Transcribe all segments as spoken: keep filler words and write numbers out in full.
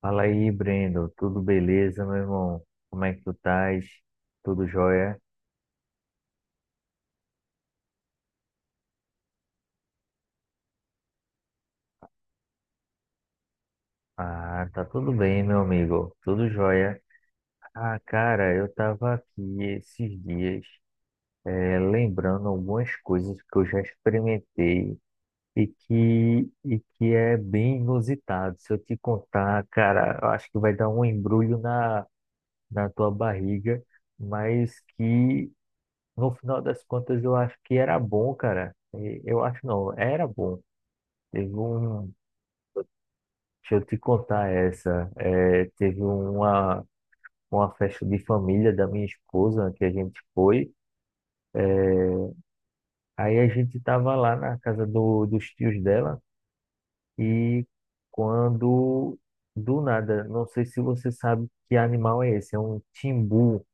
Fala aí, Brendo. Tudo beleza, meu irmão? Como é que tu estás? Tudo jóia? Ah, tá tudo bem, meu amigo. Tudo jóia. Ah, cara, eu tava aqui esses dias, eh, lembrando algumas coisas que eu já experimentei e que, e que é bem inusitado. Se eu te contar, cara, eu acho que vai dar um embrulho na, na tua barriga, mas que no final das contas eu acho que era bom, cara. Eh, Eu acho não, era bom. Teve um, deixa eu te contar essa. É, teve uma, uma festa de família da minha esposa que a gente foi. É, aí a gente estava lá na casa do, dos tios dela e quando do nada, não sei se você sabe que animal é esse, é um timbu.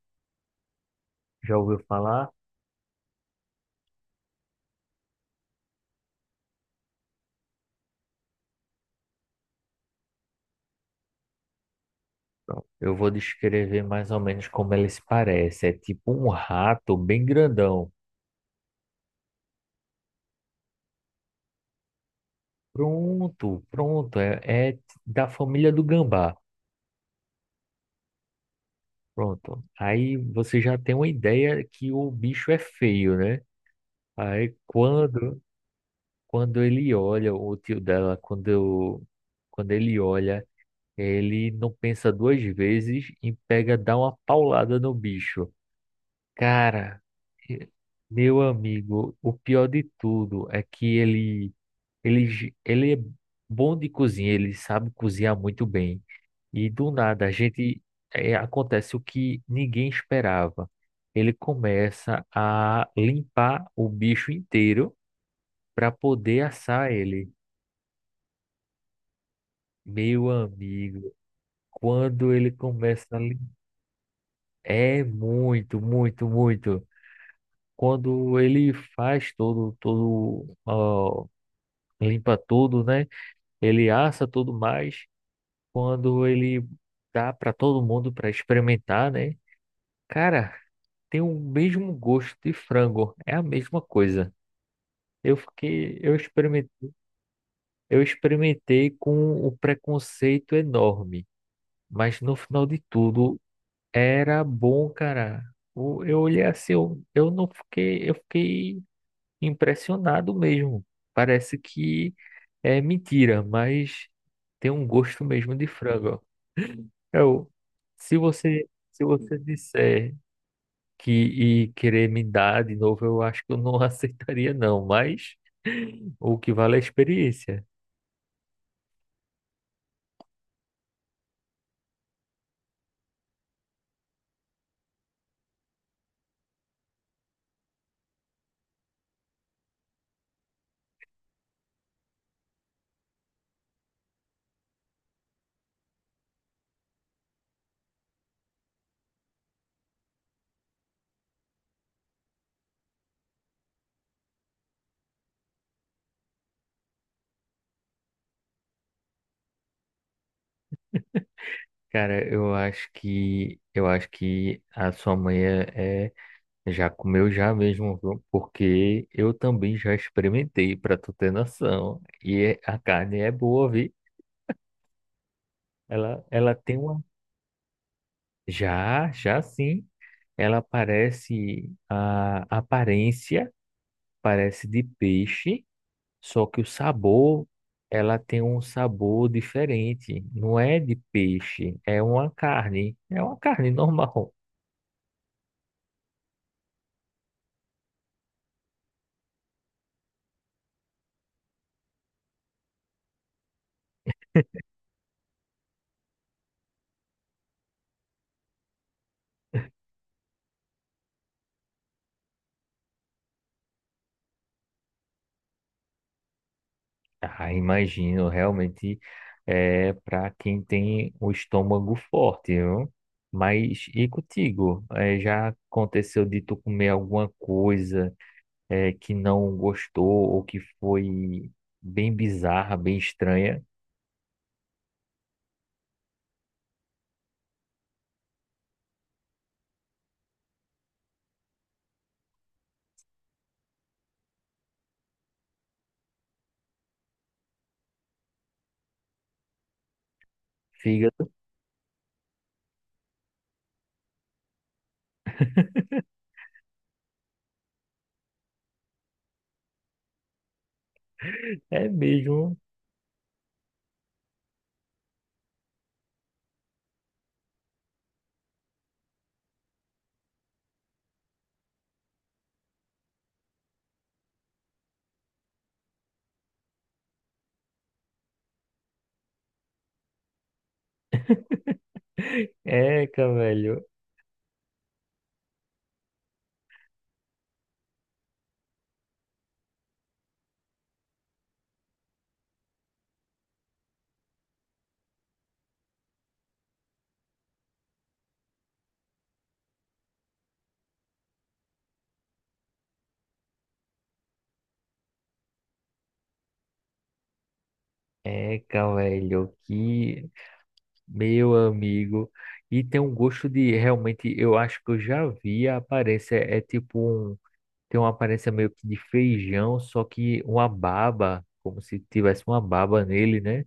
Já ouviu falar? Pronto, eu vou descrever mais ou menos como ele se parece. É tipo um rato bem grandão. Pronto, pronto. É, é da família do gambá. Pronto. Aí você já tem uma ideia que o bicho é feio, né? Aí quando quando ele olha o tio dela, quando quando ele olha, ele não pensa duas vezes e pega, dá uma paulada no bicho. Cara, eh, meu amigo, o pior de tudo é que ele ele, j- ele é bom de cozinha, ele sabe cozinhar muito bem. E do nada, a gente é, acontece o que ninguém esperava. Ele começa a limpar o bicho inteiro para poder assar ele. Meu amigo, quando ele começa a limpar, é muito, muito, muito. Quando ele faz todo, todo, ó, limpa tudo, né? Ele assa tudo mais. Quando ele dá para todo mundo para experimentar, né? Cara, tem o mesmo gosto de frango, é a mesma coisa. Eu fiquei, eu experimentei, eu experimentei com um preconceito enorme, mas no final de tudo era bom, cara. O- Eu olhei assim, eu, eu não fiquei, eu fiquei impressionado mesmo. Parece que é mentira, mas tem um gosto mesmo de frango. Eu, se você, se você disser que e querer me dar de novo, eu acho que eu não aceitaria não, mas o que vale é a experiência. Cara, eu acho que eu acho que a sua mãe é, é- já comeu já mesmo, viu? Porque eu também já experimentei, para tu ter noção. E é, a carne é boa, vi? Ela ela tem uma já, já sim. Ela parece a aparência parece de peixe. Só que o sabor, ela tem um sabor diferente. Não é de peixe, é uma carne. É uma carne normal. Ah, imagino, realmente é para quem tem o estômago forte, viu? Mas e contigo? É, já aconteceu de tu comer alguma coisa é, que não gostou ou que foi bem bizarra, bem estranha? Fígado é mesmo. É, cara. Eca, velho, que meu amigo. E tem um gosto de realmente, eu acho que eu já vi a aparência, é tipo um, tem uma aparência meio que de feijão, só que uma baba, como se tivesse uma baba nele, né?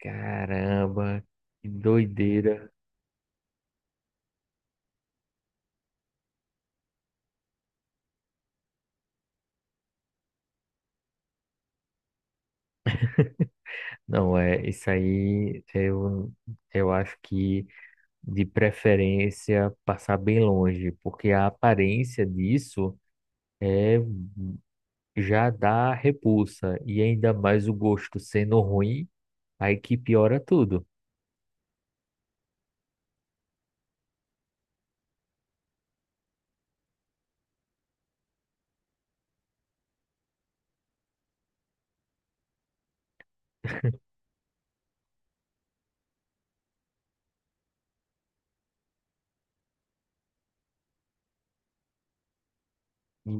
Caramba, que doideira. Não, é, isso aí eu, eu acho que de preferência passar bem longe, porque a aparência disso é já dá repulsa. E ainda mais o gosto sendo ruim, aí que piora tudo. E,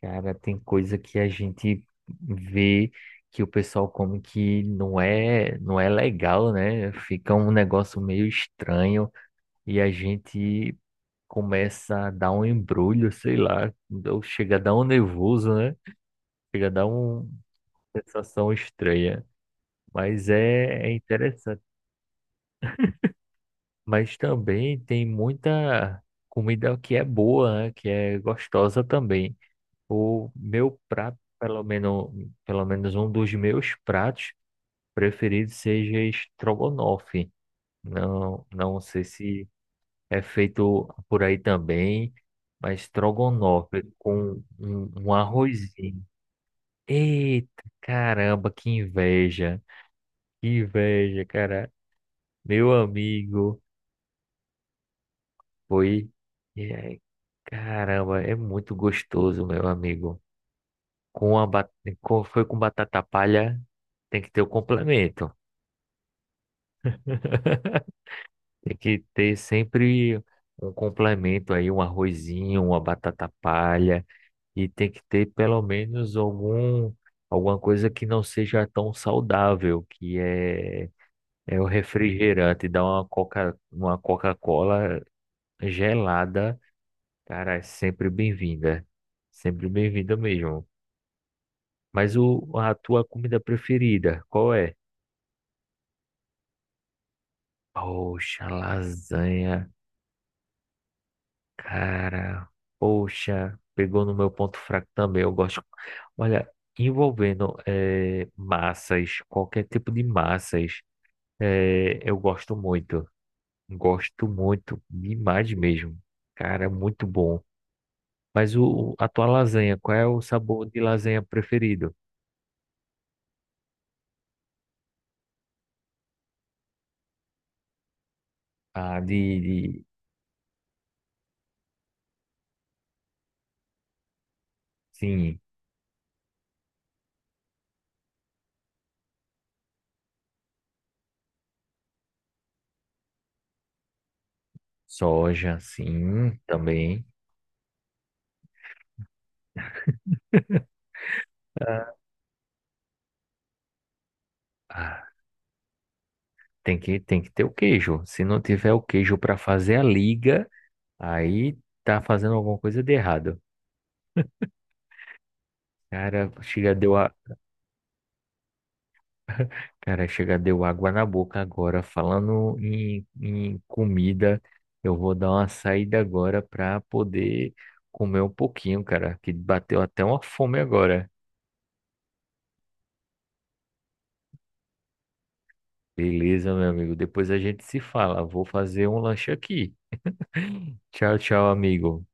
cara, tem coisa que a gente vê que o pessoal come que não é, não é legal, né? Fica um negócio meio estranho e a gente começa a dar um embrulho, sei lá, ou chega a dar um nervoso, né? Chega a dar uma sensação estranha. Mas é, é interessante. Mas também tem muita comida que é boa, né? Que é gostosa também. O meu prato, pelo menos, pelo menos um dos meus pratos preferidos seja estrogonofe. Não, não sei se é feito por aí também, mas estrogonofe com um, um arrozinho. Eita, caramba, que inveja! Que inveja, cara. Meu amigo. Foi. E aí, caramba, é muito gostoso, meu amigo. Com a ba- com- foi com batata palha, tem que ter o complemento. Tem que ter sempre um complemento aí, um arrozinho, uma batata palha. E tem que ter pelo menos algum, alguma coisa que não seja tão saudável, que é, é o refrigerante, dar uma coca, uma Coca-Cola gelada. Cara, é sempre bem-vinda. Sempre bem-vinda mesmo. Mas o, a tua comida preferida, qual é? Poxa, lasanha, cara. Poxa, pegou no meu ponto fraco também. Eu gosto. Olha, envolvendo eh, massas, qualquer tipo de massas, eh, eu gosto muito. Gosto muito, demais mesmo. Cara, muito bom. Mas o, o- a tua lasanha, qual é o sabor de lasanha preferido? Ah, de, de... Sim, soja, sim, também. Ah, tem que, tem que ter o queijo. Se não tiver o queijo para fazer a liga, aí tá fazendo alguma coisa de errado. Cara, chega deu a... Cara, chega deu água na boca agora. Falando em, em comida, eu vou dar uma saída agora para poder comer um pouquinho, cara, que bateu até uma fome agora. Beleza, meu amigo. Depois a gente se fala. Vou fazer um lanche aqui. Tchau, tchau, amigo.